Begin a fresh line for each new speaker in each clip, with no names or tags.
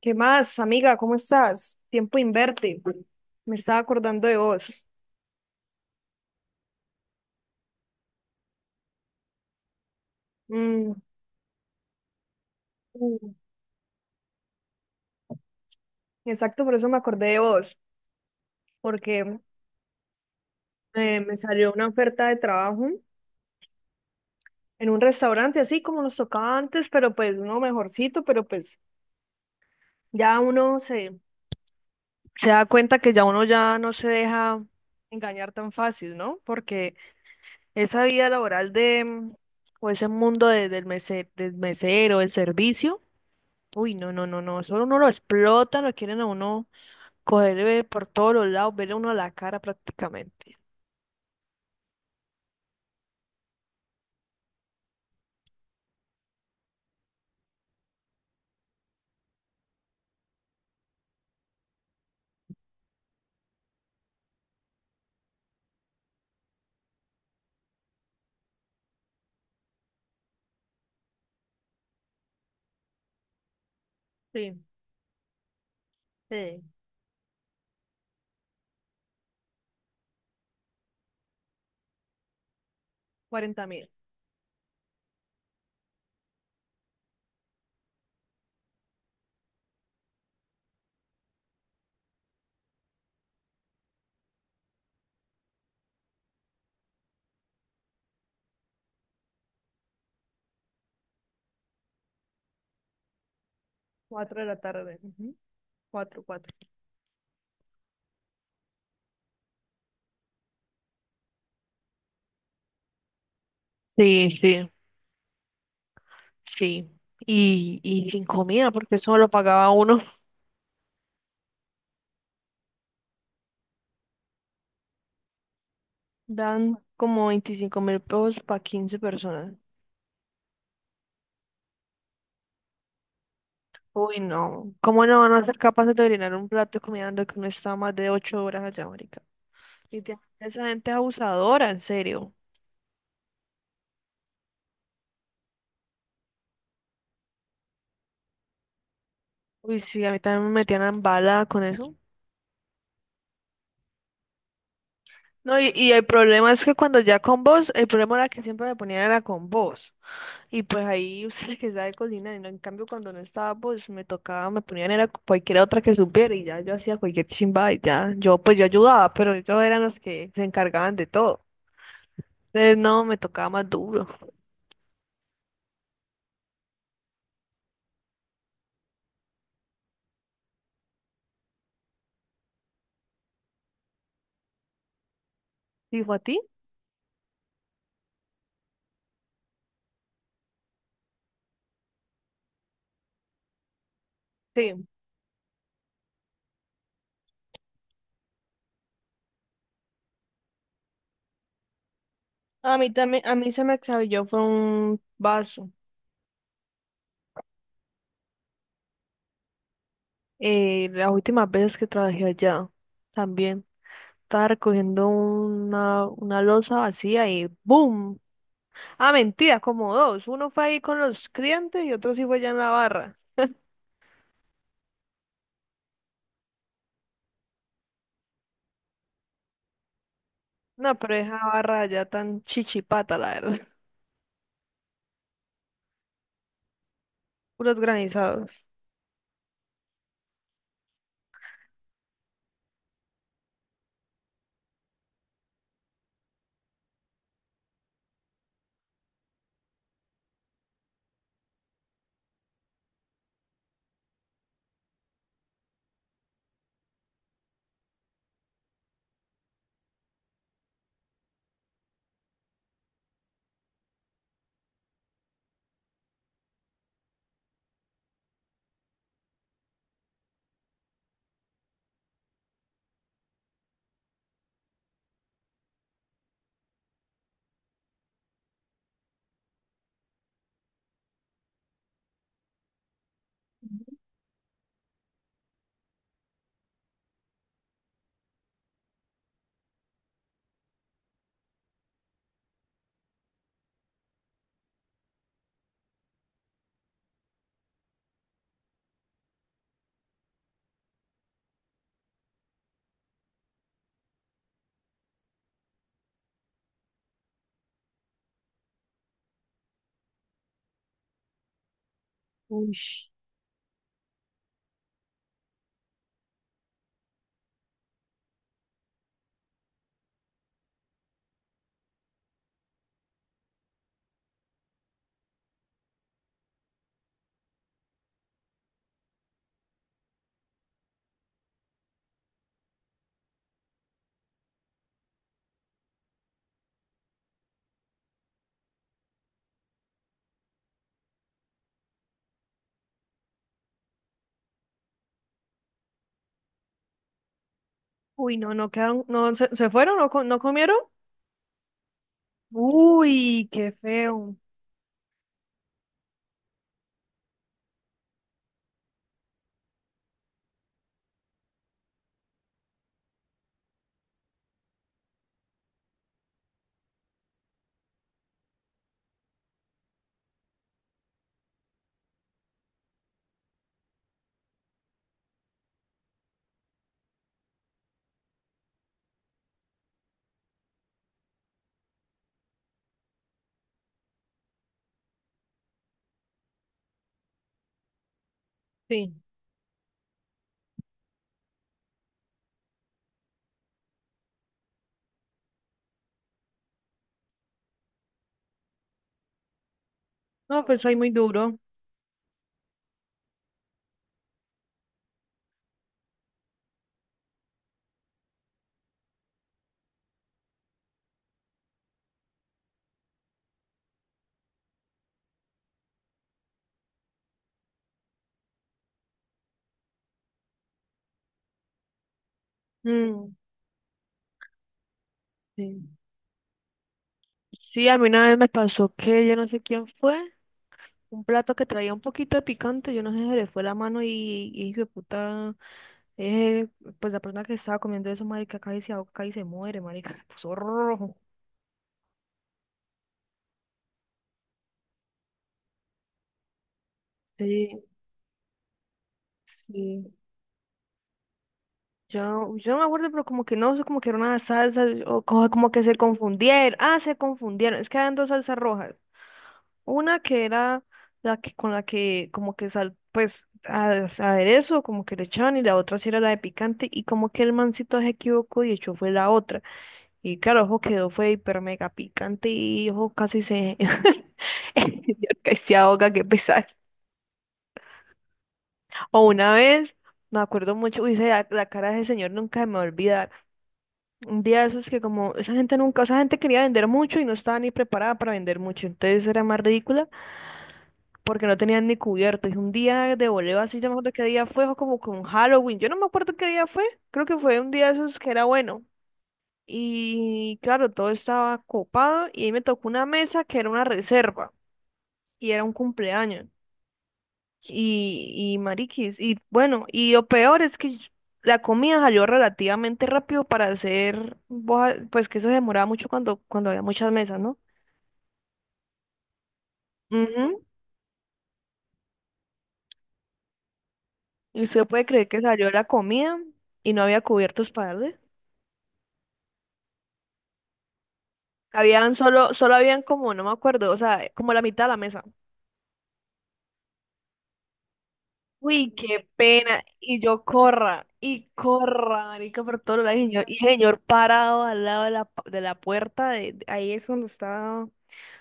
¿Qué más, amiga? ¿Cómo estás? Tiempo inverte. Me estaba acordando de vos. Mm, mm, exacto, por eso me acordé de vos, porque me salió una oferta de trabajo en un restaurante, así como nos tocaba antes, pero pues no mejorcito, pero pues ya uno se da cuenta que ya uno ya no se deja engañar tan fácil, ¿no? Porque esa vida laboral de, o ese mundo del mesero, del servicio. Uy, no, no, no, no, solo uno lo explotan, lo quieren a uno coger por todos los lados, verle a uno a la cara prácticamente. Sí, sí, 40.000, 4 de la tarde, ujú, 4 4. Sí, sí, sí. Y sin comida, porque eso lo pagaba uno. Dan como 25.000 pesos para 15 personas. Uy, no. ¿Cómo no van a ser capaces de llenar un plato de comida dando que uno está más de 8 horas allá, marica? Y literalmente, esa gente es abusadora, en serio. Uy, sí, a mí también me metían en bala con eso. No, y el problema es que cuando ya con vos, el problema era que siempre me ponían era con vos. Y pues ahí usted que sabe cocinar, y no, en cambio cuando no estaba vos, me tocaba, me ponían era cualquier otra que supiera y ya yo hacía cualquier chimba y ya, yo pues yo ayudaba, pero ellos eran los que se encargaban de todo. Entonces no, me tocaba más duro. ¿Dijo a ti? Sí. A mí también, a mí se me acabó fue un vaso. Las últimas veces que trabajé allá, también estaba recogiendo una loza vacía y ¡boom! Ah, mentira, como dos. Uno fue ahí con los clientes y otro sí fue allá en la barra. No, pero esa barra allá tan chichipata, la verdad. Puros granizados. Uy, uy, no, no quedaron, no, ¿se fueron? ¿No, no comieron? Uy, qué feo. Sí. No, pues ahí muy duro. Mm, sí. Sí, a mí una vez me pasó que yo no sé quién fue. Un plato que traía un poquito de picante, yo no sé, se le fue la mano y hijo de puta, eh, pues la persona que estaba comiendo eso, marica, casi se ahoga, casi se muere, marica, se puso rojo. Sí, sí. Yo no me acuerdo, pero como que no, como que era una salsa, o como que se confundieron. Ah, se confundieron. Es que habían dos salsas rojas. Una que era la que con la que como que sal, pues aderezo, como que le echaban, y la otra sí era la de picante, y como que el mancito se equivocó y echó fue la otra. Y claro, ojo quedó, fue hiper mega picante y ojo casi se... casi se ahoga, qué pesar. O una vez, me acuerdo mucho, uy, la cara de ese señor nunca se me va a olvidar. Un día de esos que como, esa gente nunca, esa gente quería vender mucho y no estaba ni preparada para vender mucho. Entonces era más ridícula porque no tenían ni cubierto. Y un día de voleo así, yo me acuerdo qué día fue, o como con Halloween. Yo no me acuerdo qué día fue, creo que fue un día de esos que era bueno. Y claro, todo estaba copado y ahí me tocó una mesa que era una reserva y era un cumpleaños. Y mariquis, y bueno, y lo peor es que la comida salió relativamente rápido para hacer, pues que eso se demoraba mucho cuando había muchas mesas, ¿no? Ujú. Y usted puede creer que salió la comida y no había cubiertos para darle. Habían solo, solo habían como, no me acuerdo, o sea, como la mitad de la mesa. Uy, qué pena. Y yo corra, y corra, marica, por todos lados. Y el señor parado al lado de la, de la puerta, ahí es donde estaba.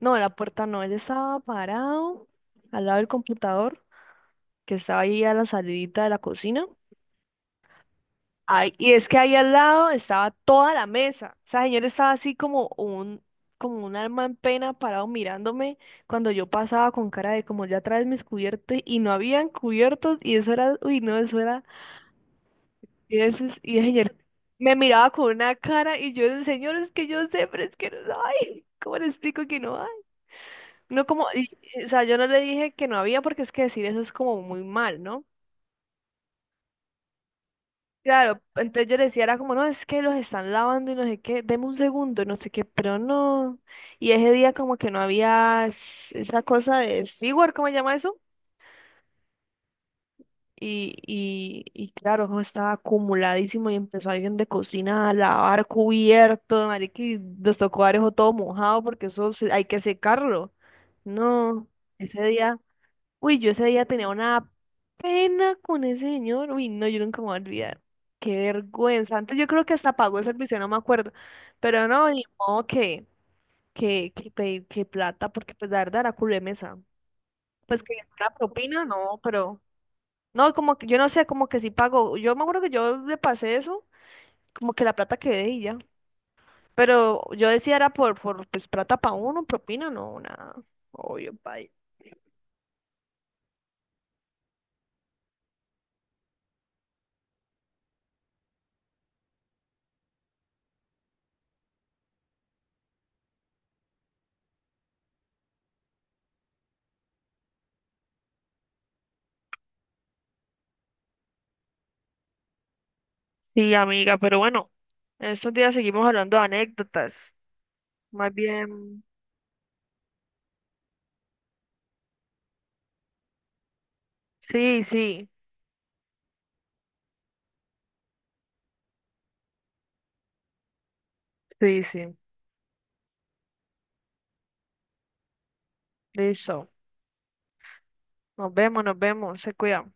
No, de la puerta no, él estaba parado al lado del computador, que estaba ahí a la salidita de la cocina. Ay, y es que ahí al lado estaba toda la mesa. O sea, señor estaba así como un alma en pena parado mirándome cuando yo pasaba con cara de como ya traes mis cubiertos y no habían cubiertos y eso era, uy, no, eso era. Y ese señor me miraba con una cara y yo, señor, es que yo sé, pero es que no hay. ¿Cómo le explico que no hay? No como, o sea, yo no le dije que no había porque es que decir eso es como muy mal, ¿no? Claro, entonces yo le decía, era como, no, es que los están lavando y no sé qué, deme un segundo, no sé qué, pero no. Y ese día como que no había esa cosa de steward, ¿cómo se llama eso? Y claro, eso estaba acumuladísimo y empezó alguien de cocina a lavar cubiertos, marica, y nos tocó dar eso todo mojado porque eso hay que secarlo. No, ese día, uy, yo ese día tenía una pena con ese señor, uy, no, yo nunca me voy a olvidar. Qué vergüenza. Antes yo creo que hasta pagó el servicio, no me acuerdo, pero no, ni modo que plata, porque pues la verdad era culo de mesa. Pues que la propina, no, pero... No, como que yo no sé, como que si pago. Yo me acuerdo que yo le pasé eso, como que la plata quedé y ya. Pero yo decía era por pues plata para uno, propina, no, nada. Obvio, pay. Sí, amiga, pero bueno, estos días seguimos hablando de anécdotas. Más bien, sí, sí, sí, sí. Listo. Nos vemos, nos vemos. Se cuidan.